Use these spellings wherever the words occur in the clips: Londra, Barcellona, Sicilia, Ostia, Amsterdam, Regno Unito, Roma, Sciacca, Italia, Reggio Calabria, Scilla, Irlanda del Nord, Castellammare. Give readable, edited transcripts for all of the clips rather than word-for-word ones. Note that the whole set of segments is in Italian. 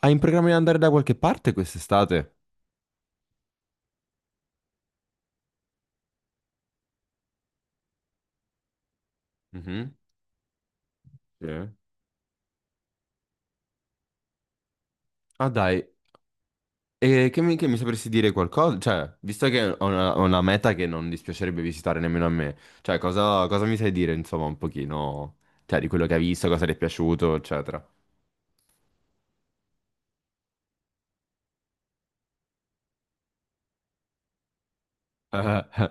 Hai in programma di andare da qualche parte quest'estate? Mhm. Sì. Ah dai, e che mi sapresti dire qualcosa? Cioè, visto che ho una meta che non dispiacerebbe visitare nemmeno a me, cioè cosa mi sai dire, insomma, un pochino, cioè, di quello che hai visto, cosa ti è piaciuto, eccetera. Eh, eh,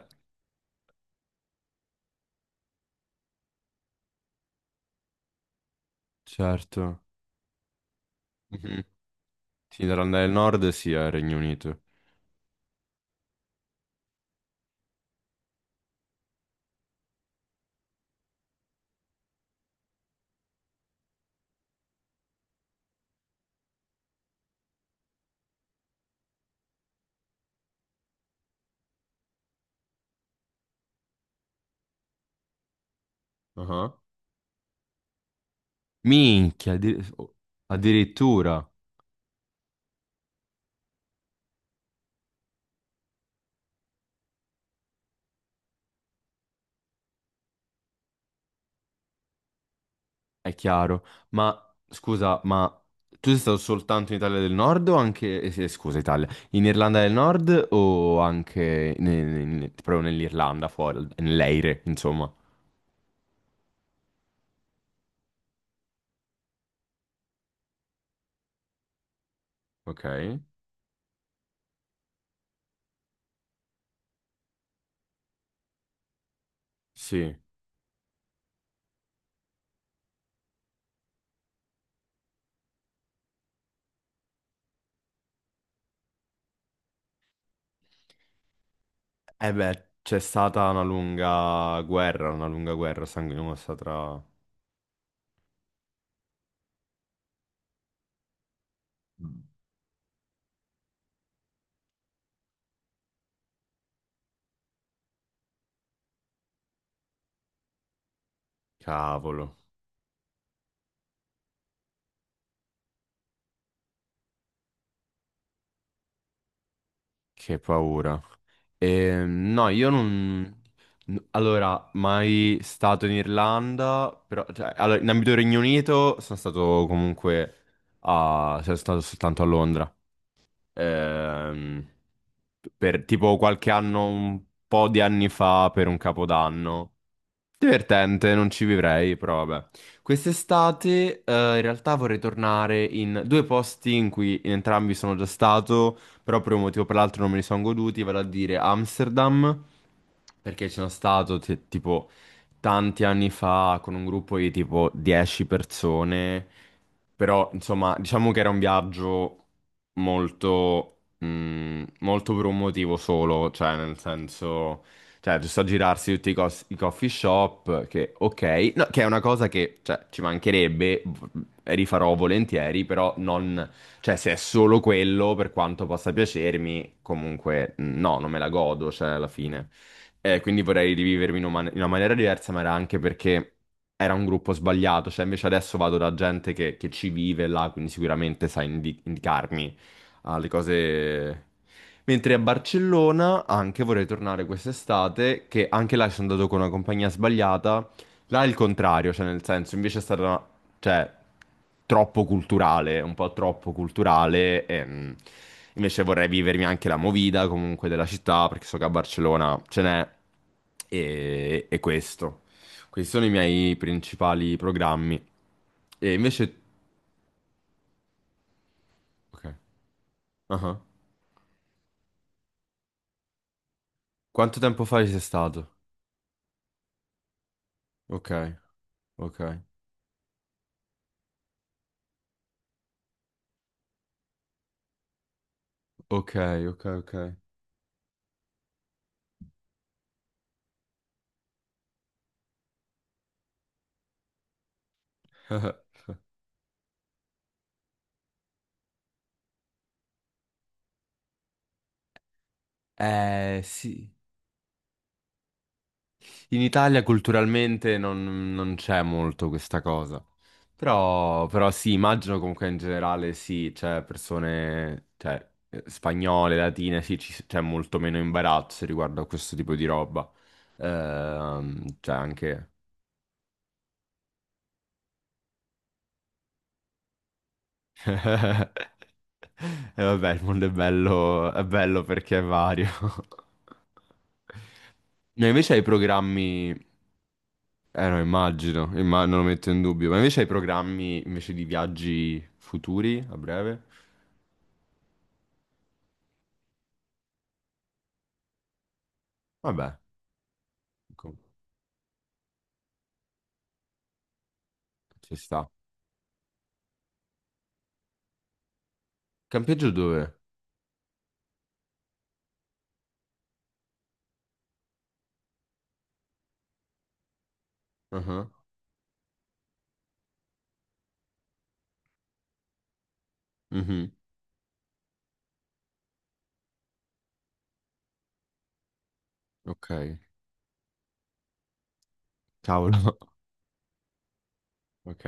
certo. Mhm. Sì, Irlanda del Nord, sì, al Regno Unito. Ah, minchia, oh, addirittura. È chiaro, ma scusa, ma tu sei stato soltanto in Italia del Nord o anche, sì, scusa Italia, in Irlanda del Nord o anche proprio nell'Irlanda fuori, nell'Eire, insomma? Ok, sì. Eh beh, c'è stata una lunga guerra sanguinosa tra... Mm. Cavolo, che paura. No, io non... n- allora, mai stato in Irlanda, però... cioè, allora, in ambito Regno Unito sono stato comunque a... cioè, sono stato soltanto a Londra. Ehm, per tipo qualche anno, un po' di anni fa, per un capodanno. Divertente, non ci vivrei, però vabbè. Quest'estate, in realtà vorrei tornare in due posti in cui in entrambi sono già stato, però per un motivo o per l'altro non me li sono goduti, vale a dire Amsterdam, perché ci sono stato tipo tanti anni fa con un gruppo di tipo 10 persone, però insomma, diciamo che era un viaggio molto, molto per un motivo solo, cioè nel senso... Cioè, giusto a girarsi tutti i, i coffee shop, che ok, no, che è una cosa che cioè, ci mancherebbe, rifarò volentieri, però non, cioè, se è solo quello, per quanto possa piacermi, comunque no, non me la godo, cioè, alla fine. Quindi vorrei rivivermi in una, in una maniera diversa, ma era anche perché era un gruppo sbagliato, cioè, invece adesso vado da gente che ci vive là, quindi sicuramente sa indicarmi alle cose. Mentre a Barcellona anche vorrei tornare quest'estate, che anche là ci sono andato con una compagnia sbagliata. Là è il contrario, cioè nel senso, invece è stata, cioè, troppo culturale, un po' troppo culturale. E, invece vorrei vivermi anche la movida comunque della città, perché so che a Barcellona ce n'è. E questo. Questi sono i miei principali programmi. E invece... Ok. Ah ah. Quanto tempo fa ci sei stato? Ok, ok. Ok, ok, ok. Eh sì, in Italia culturalmente non, non c'è molto questa cosa. Però, però sì, immagino comunque in generale sì, c'è persone, cioè spagnole, latine, sì, c'è molto meno imbarazzo riguardo a questo tipo di roba. Cioè anche... E vabbè, il mondo è bello perché è vario. Ma invece hai programmi... Eh no, immagino, non lo metto in dubbio. Ma invece hai programmi invece di viaggi futuri a breve? Vabbè, com- ci sta. Campeggio dove? Ah, mhm. Ok. Cavolo. Ok.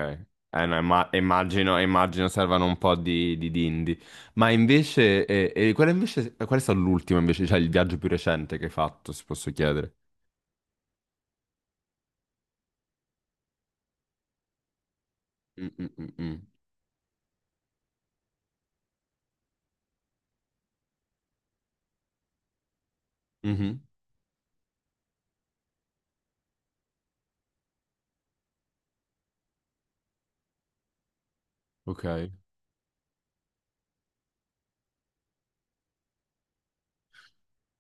Eh no, immagino, immagino servano un po' di dindi. Ma invece, qual è invece, qual è stato l'ultimo invece, cioè il viaggio più recente che hai fatto, se posso chiedere? Mm, mm, mm, mm. Mhm. Ok.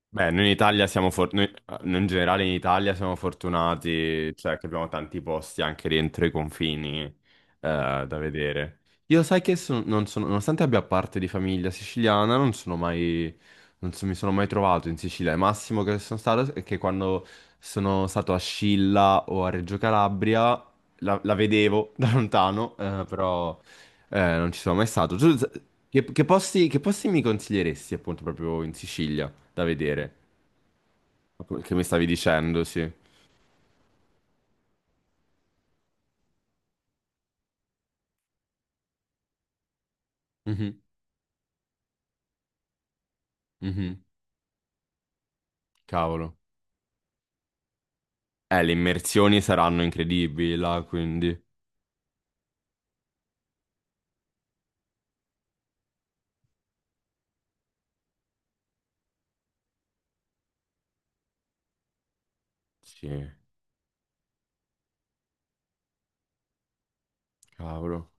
Beh, noi in Italia siamo fortunati, in generale in Italia siamo fortunati, cioè che abbiamo tanti posti anche dentro i confini da vedere. Io sai che non sono, nonostante abbia parte di famiglia siciliana, non sono mai, non so- mi sono mai trovato in Sicilia. Il massimo che sono stato è che quando sono stato a Scilla o a Reggio Calabria, la vedevo da lontano, però non ci sono mai stato. Tu, che posti mi consiglieresti appunto proprio in Sicilia da vedere? Che mi stavi dicendo, sì. Mhm, mhm. Cavolo. Le immersioni saranno incredibili là, quindi. Sì, cavolo.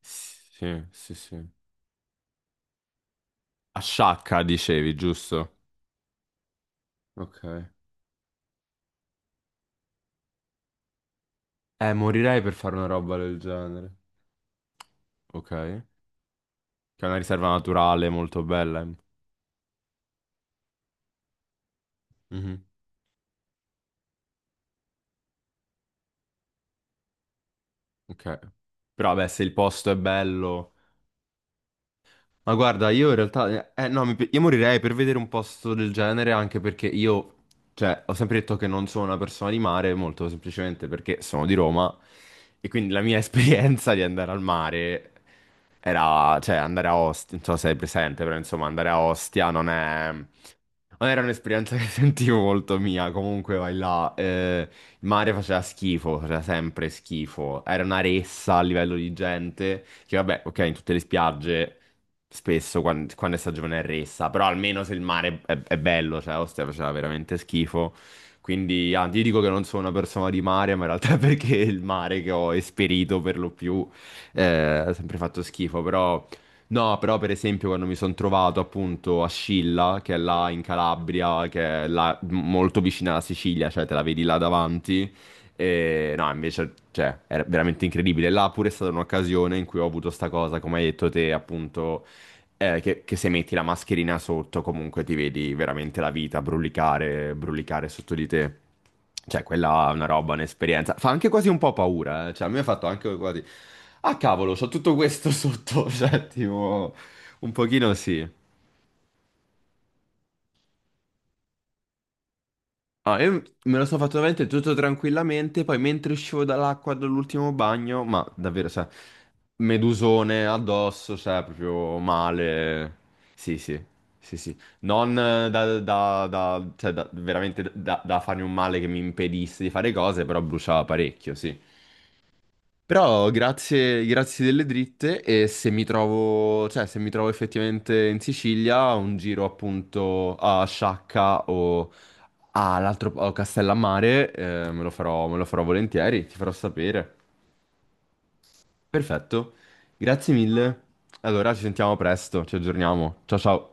Sì, sì, sì. A Sciacca, dicevi, giusto? Ok. Morirei per fare una roba del genere. Ok. Che è una riserva naturale molto bella. Eh. Mhm. Ok. Però, beh, se il posto è bello. Ma guarda, io in realtà, no, io morirei per vedere un posto del genere anche perché io, cioè, ho sempre detto che non sono una persona di mare, molto semplicemente perché sono di Roma e quindi la mia esperienza di andare al mare era, cioè, andare a Ostia, non so se sei presente, però insomma, andare a Ostia non è, ma era un'esperienza che sentivo molto mia, comunque vai là, il mare faceva schifo, faceva sempre schifo, era una ressa a livello di gente, che vabbè, ok, in tutte le spiagge spesso quando, è stagione è ressa, però almeno se il mare è bello, cioè Ostia faceva veramente schifo, quindi ah, ti dico che non sono una persona di mare, ma in realtà è perché il mare che ho esperito per lo più ha sempre fatto schifo, però... No, però per esempio quando mi sono trovato appunto a Scilla, che è là in Calabria, che è là molto vicina alla Sicilia, cioè te la vedi là davanti, e no, invece, cioè, era veramente incredibile. Là pure è stata un'occasione in cui ho avuto sta cosa, come hai detto te, appunto, che se metti la mascherina sotto comunque ti vedi veramente la vita brulicare, brulicare sotto di te. Cioè, quella è una roba, un'esperienza. Fa anche quasi un po' paura, eh. Cioè, a me ha fatto anche quasi... Ah, cavolo, c'ho tutto questo sotto, cioè, tipo, un pochino sì. Ah, io me lo sono fatto veramente tutto tranquillamente, poi mentre uscivo dall'acqua dall'ultimo bagno, ma davvero, cioè, medusone addosso, cioè, proprio male. Sì, sì, sì, sì. Non veramente da, da farmi un male che mi impedisse di fare cose, però bruciava parecchio, sì. Però grazie, grazie delle dritte e se mi trovo, cioè, se mi trovo effettivamente in Sicilia, un giro appunto a Sciacca o all'altro a Castellammare, me lo farò volentieri, ti farò sapere. Perfetto, grazie mille. Allora ci sentiamo presto, ci aggiorniamo. Ciao ciao.